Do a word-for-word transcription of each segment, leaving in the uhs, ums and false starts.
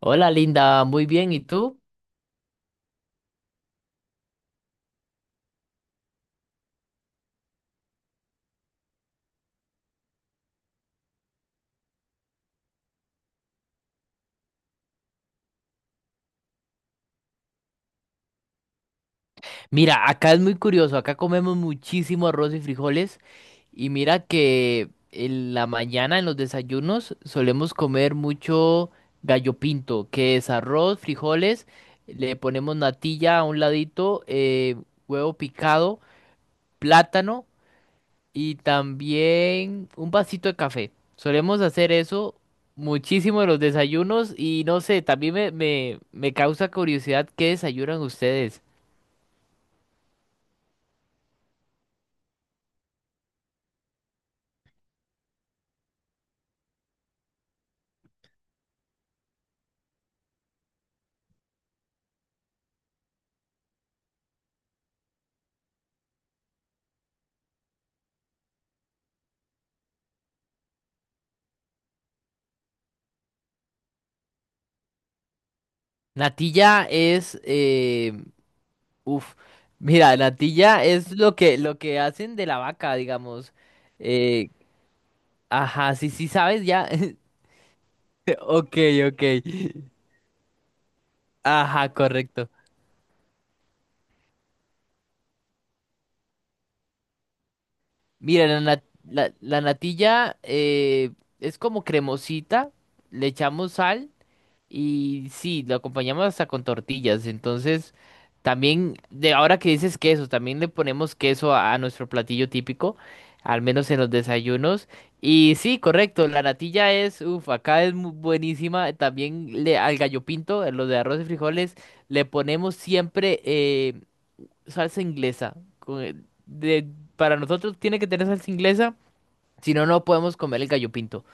Hola Linda, muy bien, ¿y tú? Mira, acá es muy curioso, acá comemos muchísimo arroz y frijoles y mira que en la mañana en los desayunos solemos comer mucho gallo pinto, que es arroz, frijoles, le ponemos natilla a un ladito, eh, huevo picado, plátano y también un vasito de café. Solemos hacer eso muchísimo en los desayunos y no sé, también me, me, me causa curiosidad qué desayunan ustedes. Natilla es, eh, uf, mira, natilla es lo que, lo que hacen de la vaca, digamos. Eh, ajá, sí, sí, sabes ya. Ok, ok. Ajá, correcto. Mira, la, nat- la, la natilla eh, es como cremosita, le echamos sal. Y sí, lo acompañamos hasta con tortillas. Entonces, también, de ahora que dices queso, también le ponemos queso a, a nuestro platillo típico, al menos en los desayunos. Y sí, correcto, la natilla es, uff, acá es mu- buenísima. También le, al gallo pinto, a los de arroz y frijoles, le ponemos siempre eh, salsa inglesa. Con- de- para nosotros tiene que tener salsa inglesa, si no, no podemos comer el gallo pinto.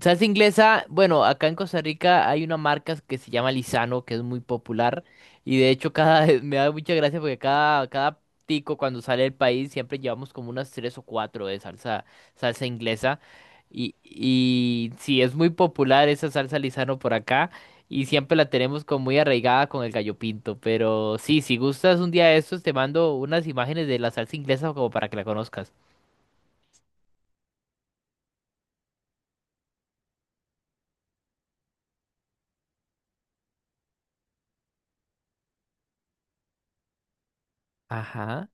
Salsa inglesa, bueno, acá en Costa Rica hay una marca que se llama Lizano, que es muy popular. Y de hecho, cada me da mucha gracia porque cada, cada tico cuando sale del país siempre llevamos como unas tres o cuatro de salsa, salsa inglesa. Y, y sí, es muy popular esa salsa Lizano por acá. Y siempre la tenemos como muy arraigada con el gallo pinto. Pero sí, si gustas un día de estos, te mando unas imágenes de la salsa inglesa como para que la conozcas. Ajá.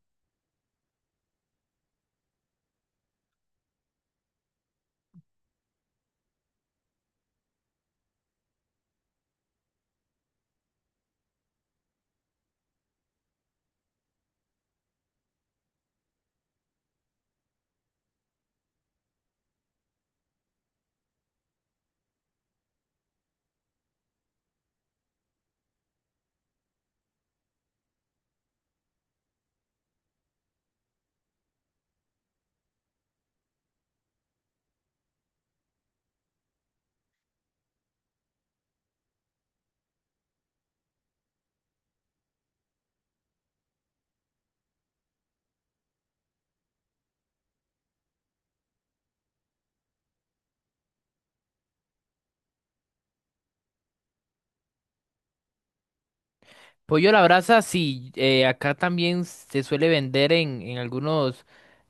Pollo a la brasa, sí, eh, acá también se suele vender en, en algunos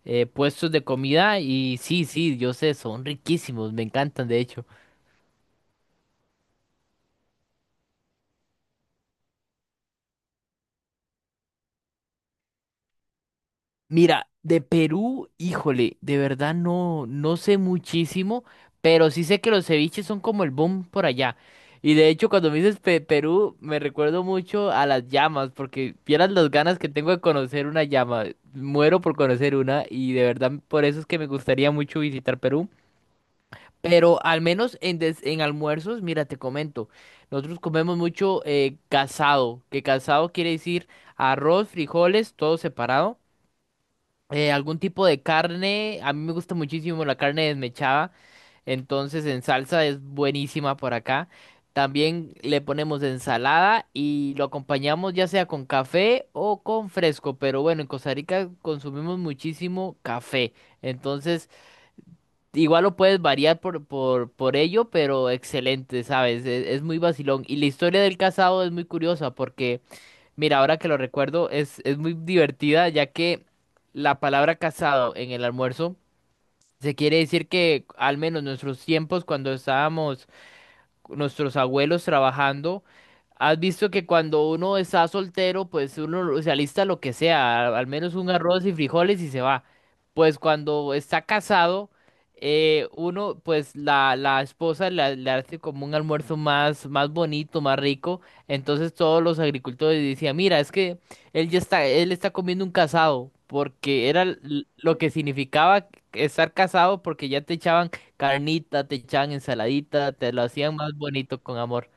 eh, puestos de comida y sí, sí, yo sé, son riquísimos, me encantan de hecho. Mira, de Perú, híjole, de verdad no, no sé muchísimo, pero sí sé que los ceviches son como el boom por allá. Y de hecho, cuando me dices Pe- Perú, me recuerdo mucho a las llamas, porque vieras las ganas que tengo de conocer una llama, muero por conocer una y de verdad por eso es que me gustaría mucho visitar Perú. Pero al menos en, des- en almuerzos, mira, te comento, nosotros comemos mucho eh, casado, que casado quiere decir arroz, frijoles, todo separado, eh, algún tipo de carne, a mí me gusta muchísimo la carne desmechada, entonces en salsa es buenísima por acá. También le ponemos ensalada y lo acompañamos ya sea con café o con fresco, pero bueno, en Costa Rica consumimos muchísimo café, entonces... Igual lo puedes variar por, por, por ello, pero excelente, ¿sabes? Es, es muy vacilón. Y la historia del casado es muy curiosa porque, mira, ahora que lo recuerdo, es, es muy divertida ya que la palabra casado en el almuerzo se quiere decir que al menos nuestros tiempos cuando estábamos nuestros abuelos trabajando. Has visto que cuando uno está soltero, pues uno se alista lo que sea, al al menos un arroz y frijoles y se va. Pues cuando está casado, eh, uno, pues la, la esposa le, le hace como un almuerzo más, más bonito, más rico. Entonces todos los agricultores decían, mira, es que él ya está, él está comiendo un casado, porque era l- lo que significaba estar casado, porque ya te echaban carnita, te echaban ensaladita, te lo hacían más bonito con amor.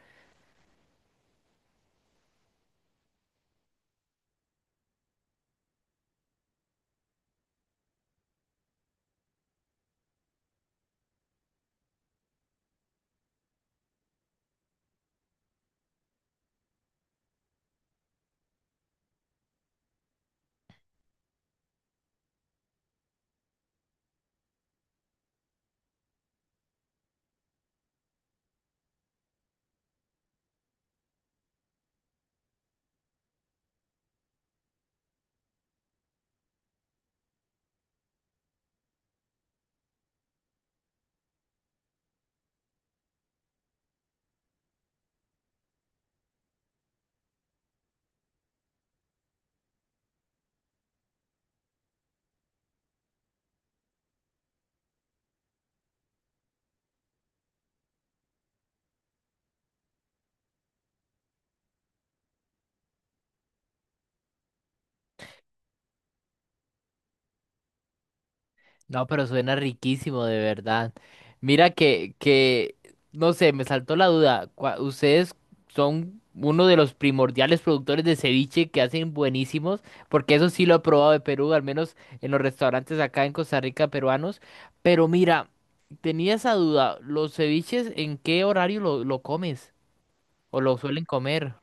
No, pero suena riquísimo, de verdad. Mira que, que, no sé, me saltó la duda. cua- Ustedes son uno de los primordiales productores de ceviche que hacen buenísimos, porque eso sí lo he probado de Perú, al menos en los restaurantes acá en Costa Rica peruanos. Pero mira, tenía esa duda, ¿los ceviches en qué horario lo, lo comes? ¿O lo suelen comer?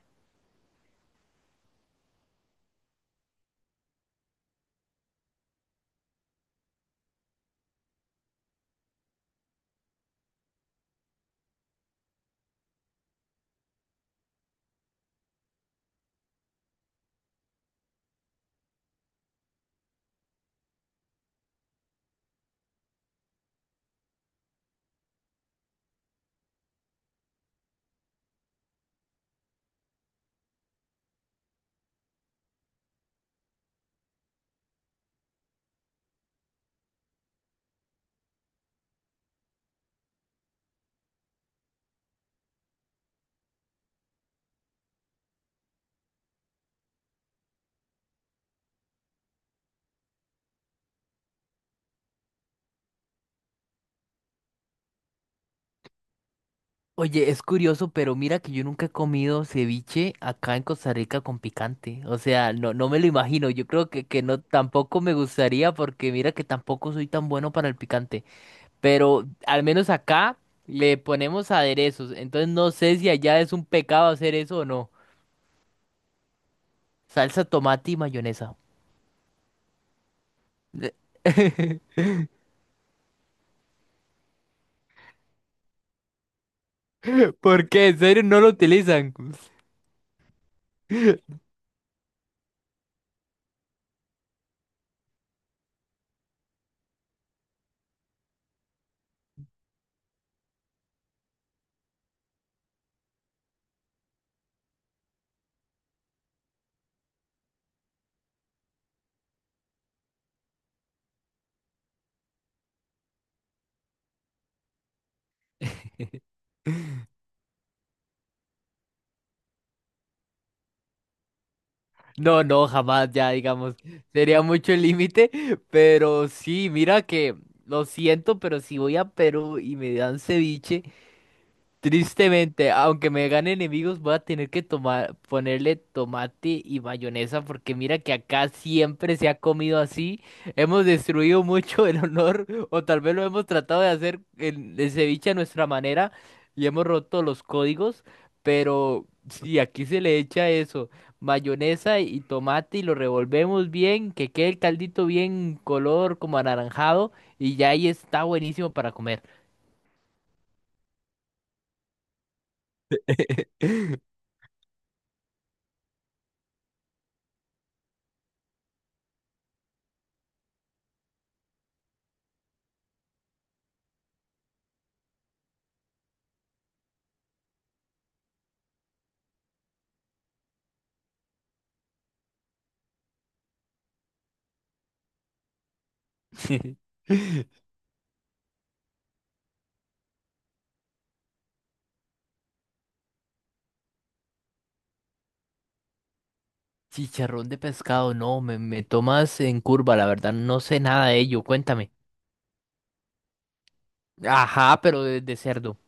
Oye, es curioso, pero mira que yo nunca he comido ceviche acá en Costa Rica con picante. O sea, no, no me lo imagino. Yo creo que, que no tampoco me gustaría porque mira que tampoco soy tan bueno para el picante. Pero al menos acá le ponemos aderezos. Entonces no sé si allá es un pecado hacer eso o no. Salsa, tomate y mayonesa. ¿Por qué? ¿En serio no lo utilizan? No, no, jamás, ya digamos, sería mucho el límite, pero sí, mira que lo siento, pero si voy a Perú y me dan ceviche, tristemente, aunque me gane enemigos, voy a tener que tomar, ponerle tomate y mayonesa porque mira que acá siempre se ha comido así. Hemos destruido mucho el honor o tal vez lo hemos tratado de hacer el, el ceviche a nuestra manera y hemos roto los códigos, pero si aquí se le echa eso, mayonesa y tomate y lo revolvemos bien, que quede el caldito bien color como anaranjado y ya ahí está buenísimo para comer. Chicharrón de pescado, no, me, me tomas en curva, la verdad, no sé nada de ello, cuéntame. Ajá, pero de, de cerdo.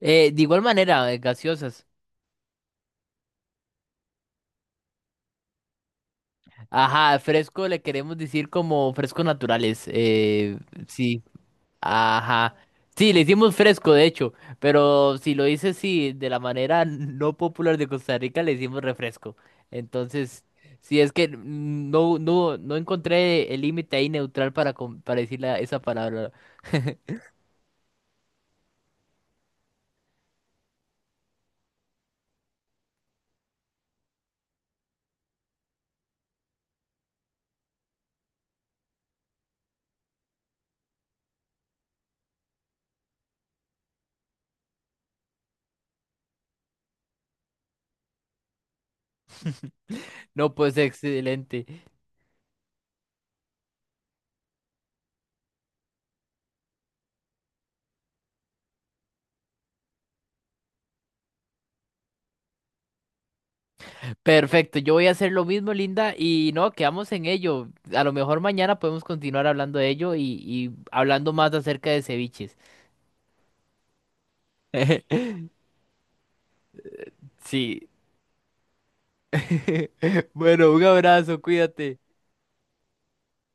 Eh, de igual manera, eh, gaseosas. Ajá, fresco le queremos decir como frescos naturales. Eh, sí, ajá. Sí, le hicimos fresco, de hecho, pero si lo dices, sí, de la manera no popular de Costa Rica, le hicimos refresco. Entonces, sí, es que no, no, no encontré el límite ahí neutral para, com- para decir la- esa palabra. No, pues excelente. Perfecto, yo voy a hacer lo mismo, Linda, y no, quedamos en ello. A lo mejor mañana podemos continuar hablando de ello y, y hablando más acerca de ceviches. Sí. Bueno, un abrazo, cuídate.